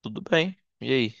Tudo bem. E aí?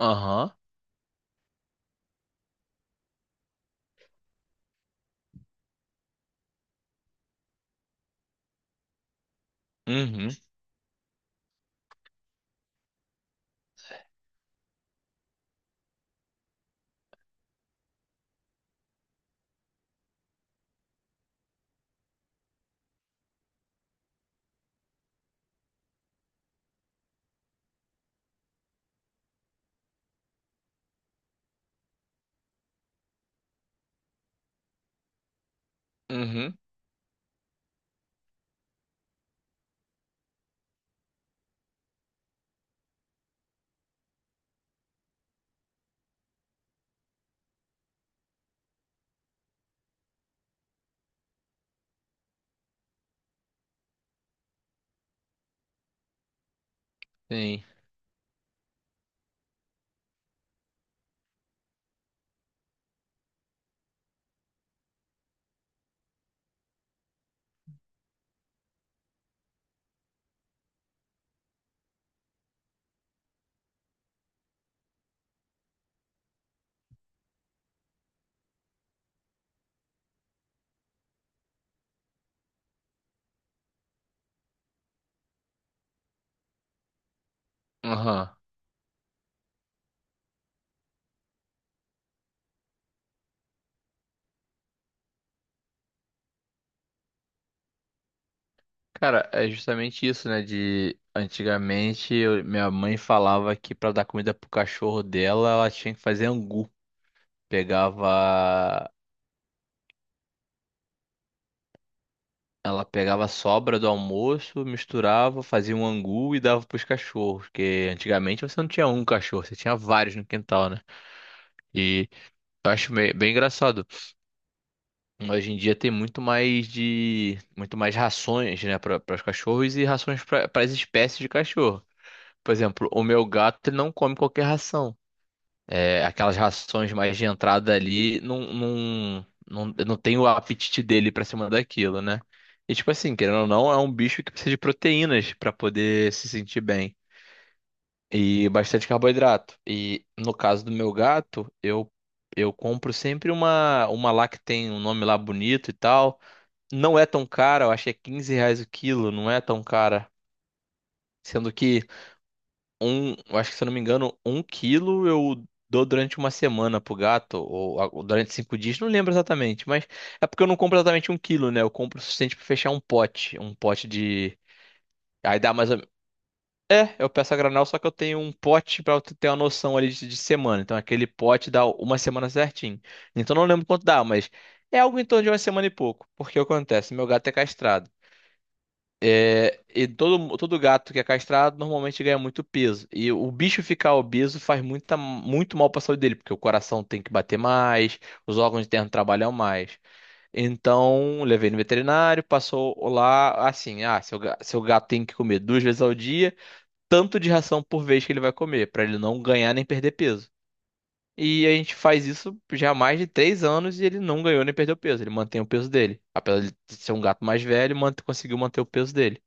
Aham. Uhum. Uhum. Sim. Aham. Cara, é justamente isso, né? De antigamente minha mãe falava que pra dar comida pro cachorro dela, ela tinha que fazer angu. Pegava. Ela pegava a sobra do almoço, misturava, fazia um angu e dava pros cachorros. Porque antigamente você não tinha um cachorro, você tinha vários no quintal, né? E eu acho bem engraçado. Hoje em dia tem muito mais rações, né, para os cachorros e rações para as espécies de cachorro. Por exemplo, o meu gato ele não come qualquer ração. É, aquelas rações mais de entrada ali não tem o apetite dele para cima daquilo, né? E tipo assim, querendo ou não, é um bicho que precisa de proteínas para poder se sentir bem e bastante carboidrato. E no caso do meu gato, eu compro sempre uma lá que tem um nome lá bonito e tal, não é tão cara, eu acho que é R$ 15 o quilo, não é tão cara. Sendo que eu acho que se eu não me engano, um quilo eu dou durante uma semana pro gato, ou durante 5 dias, não lembro exatamente, mas é porque eu não compro exatamente um quilo, né? Eu compro o suficiente pra fechar um pote de. Aí dá mais ou menos. É, eu peço a granel, só que eu tenho um pote pra eu ter uma noção ali de semana. Então aquele pote dá uma semana certinho. Então eu não lembro quanto dá, mas é algo em torno de uma semana e pouco. Porque o que acontece? Meu gato é castrado. E todo gato que é castrado normalmente ganha muito peso. E o bicho ficar obeso faz muito mal para a saúde dele, porque o coração tem que bater mais, os órgãos internos trabalham mais. Então, levei no veterinário, passou lá assim: ah, seu gato tem que comer 2 vezes ao dia, tanto de ração por vez que ele vai comer, para ele não ganhar nem perder peso. E a gente faz isso já há mais de 3 anos e ele não ganhou nem perdeu peso, ele mantém o peso dele. Apesar de ser um gato mais velho, conseguiu manter o peso dele.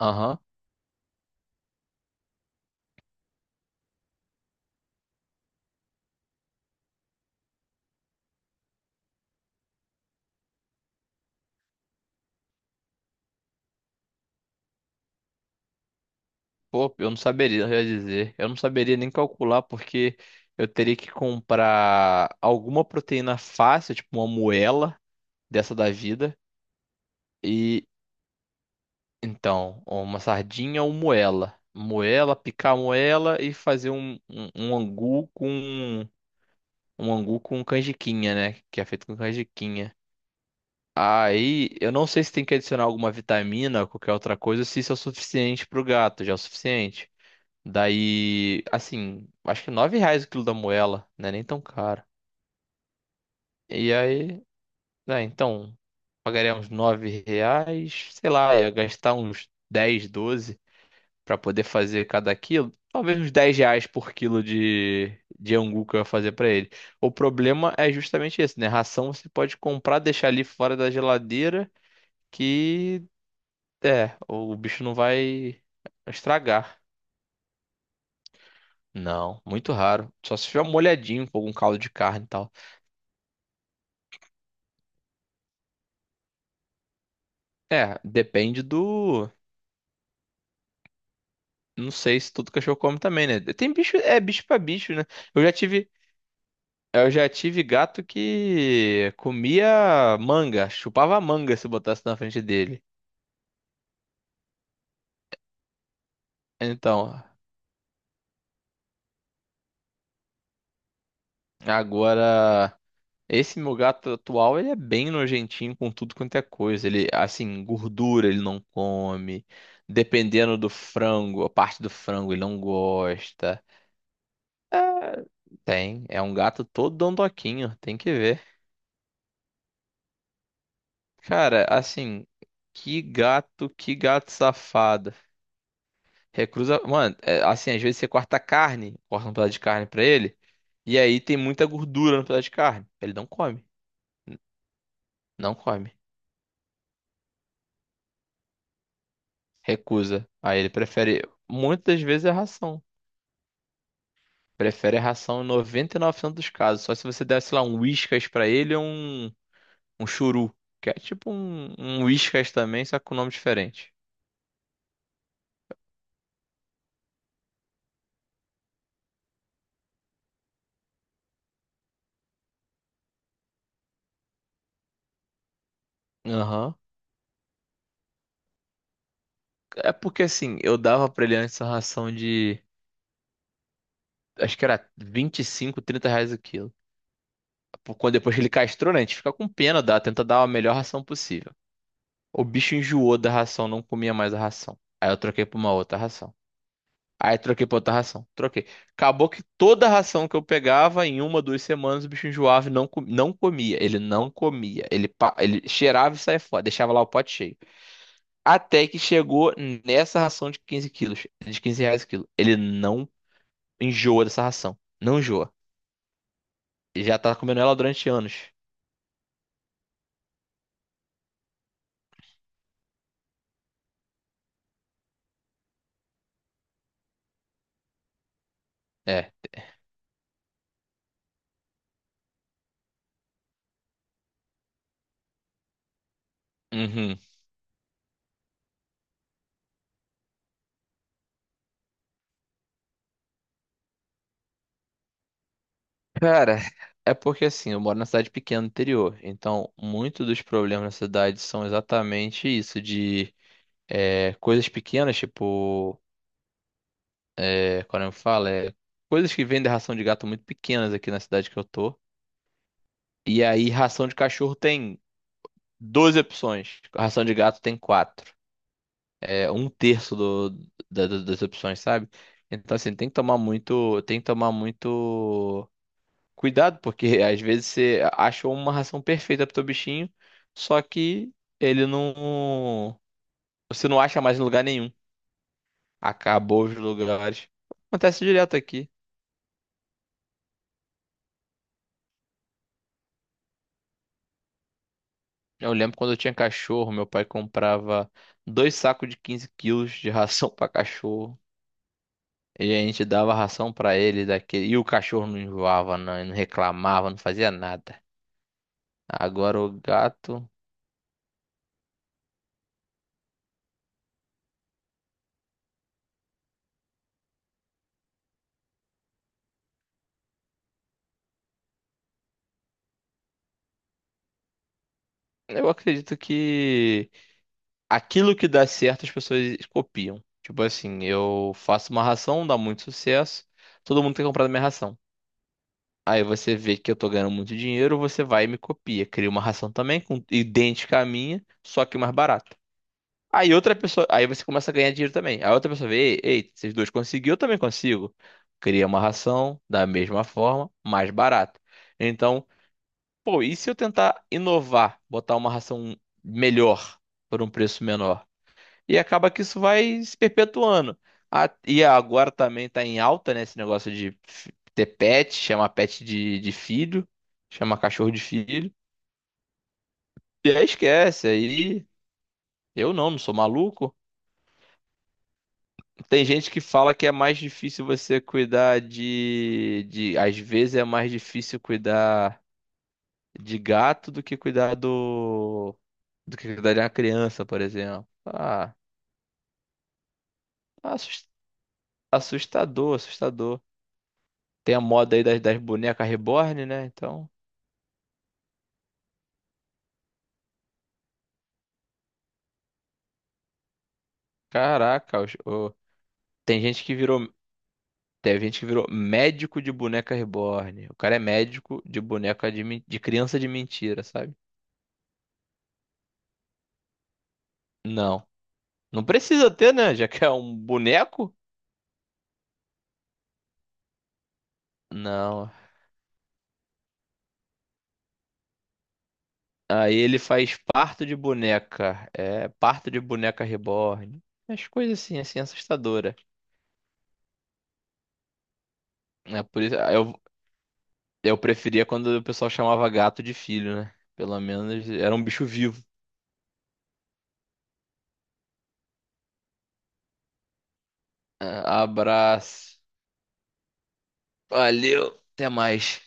Aham. Pô, eu não saberia, eu ia dizer. Eu não saberia nem calcular, porque eu teria que comprar alguma proteína fácil, tipo uma moela dessa da vida. E então, uma sardinha ou moela. Moela, picar a moela e fazer um angu com canjiquinha, né? Que é feito com canjiquinha. Aí, eu não sei se tem que adicionar alguma vitamina ou qualquer outra coisa, se isso é o suficiente pro gato, já é o suficiente. Daí, assim, acho que R$ 9 o quilo da moela, né? Nem tão caro. E aí, né, então, pagaria uns R$ 9, sei lá, ia gastar uns 10 12 pra poder fazer cada quilo. Talvez uns R$ 10 por quilo de angu que eu ia fazer pra ele. O problema é justamente esse, né? Ração você pode comprar, deixar ali fora da geladeira, que é, o bicho não vai estragar. Não, muito raro. Só se tiver molhadinho com algum caldo de carne e tal. É, depende do. Não sei se todo cachorro come também, né? Tem bicho, é bicho pra bicho, né? Eu já tive, eu já tive gato que comia manga, chupava manga se botasse na frente dele. Então, agora esse meu gato atual, ele é bem nojentinho com tudo quanto é coisa. Ele, assim, gordura ele não come. Dependendo do frango, a parte do frango ele não gosta. Tem, é um gato todo dondoquinho, tem que ver. Cara, assim, que gato safado. Recrusa, mano, é, assim, às vezes você corta carne, corta um pedaço de carne pra ele, e aí tem muita gordura no pedaço de carne. Ele não come, não come. Recusa. Aí ele prefere, muitas vezes é ração. Prefere a ração em 99% dos casos, só se você der, sei lá, um Whiskas pra ele ou um churu, que é tipo um Whiskas também, só com nome diferente. Aham. É porque assim, eu dava pra ele antes a ração de acho que era 25, R$ 30 o quilo. Quando depois que ele castrou, né, a gente fica com pena, dá, tenta dar a melhor ração possível. O bicho enjoou da ração, não comia mais a ração. Aí eu troquei pra uma outra ração. Aí troquei pra outra ração, troquei. Acabou que toda a ração que eu pegava, em uma, 2 semanas, o bicho enjoava e não, não comia. Ele não comia. Ele cheirava e saía fora, deixava lá o pote cheio. Até que chegou nessa ração de 15 quilos, de R$ 15 o quilo. Ele não enjoa dessa ração. Não enjoa. E já tá comendo ela durante anos. É. Uhum. Cara, é porque assim, eu moro na cidade pequena do interior, então muitos dos problemas na cidade são exatamente isso, de é, coisas pequenas, tipo, é, quando eu falo, é coisas que vendem ração de gato muito pequenas aqui na cidade que eu tô. E aí, ração de cachorro tem 12 opções, ração de gato tem quatro. É um terço das opções, sabe? Então, assim, tem que tomar muito, tem que tomar muito. Cuidado, porque às vezes você achou uma ração perfeita pro teu bichinho, só que ele não. Você não acha mais em lugar nenhum. Acabou os lugares. Acontece direto aqui. Eu lembro quando eu tinha cachorro, meu pai comprava dois sacos de 15 quilos de ração pra cachorro. E a gente dava ração pra ele daquele. E o cachorro não enjoava, não, não reclamava, não fazia nada. Agora o gato. Eu acredito que aquilo que dá certo as pessoas copiam. Tipo assim, eu faço uma ração, dá muito sucesso, todo mundo tem comprado minha ração. Aí você vê que eu tô ganhando muito dinheiro, você vai e me copia, cria uma ração também com idêntica à minha, só que mais barata. Aí outra pessoa, aí você começa a ganhar dinheiro também. Aí outra pessoa vê, ei, ei, vocês dois conseguiram, eu também consigo. Cria uma ração da mesma forma, mais barata. Então, pô, e se eu tentar inovar, botar uma ração melhor por um preço menor? E acaba que isso vai se perpetuando. Ah, e agora também tá em alta, né, esse negócio de ter pet, chamar pet de filho, chamar cachorro de filho. E aí esquece, aí eu não, não sou maluco. Tem gente que fala que é mais difícil você cuidar às vezes é mais difícil cuidar de gato do que cuidar do que cuidar de uma criança, por exemplo. Ah, assus- assustador, assustador. Tem a moda aí das bonecas reborn, né? Então, caraca, tem gente que virou, tem gente que virou médico de boneca reborn. O cara é médico de boneca de criança de mentira, sabe? Não. Não precisa ter, né? Já que é um boneco? Não. Aí ele faz parto de boneca. É, parto de boneca reborn. As coisas assim, assustadora. É por isso, eu preferia quando o pessoal chamava gato de filho, né? Pelo menos era um bicho vivo. Ah, abraço. Valeu. Até mais.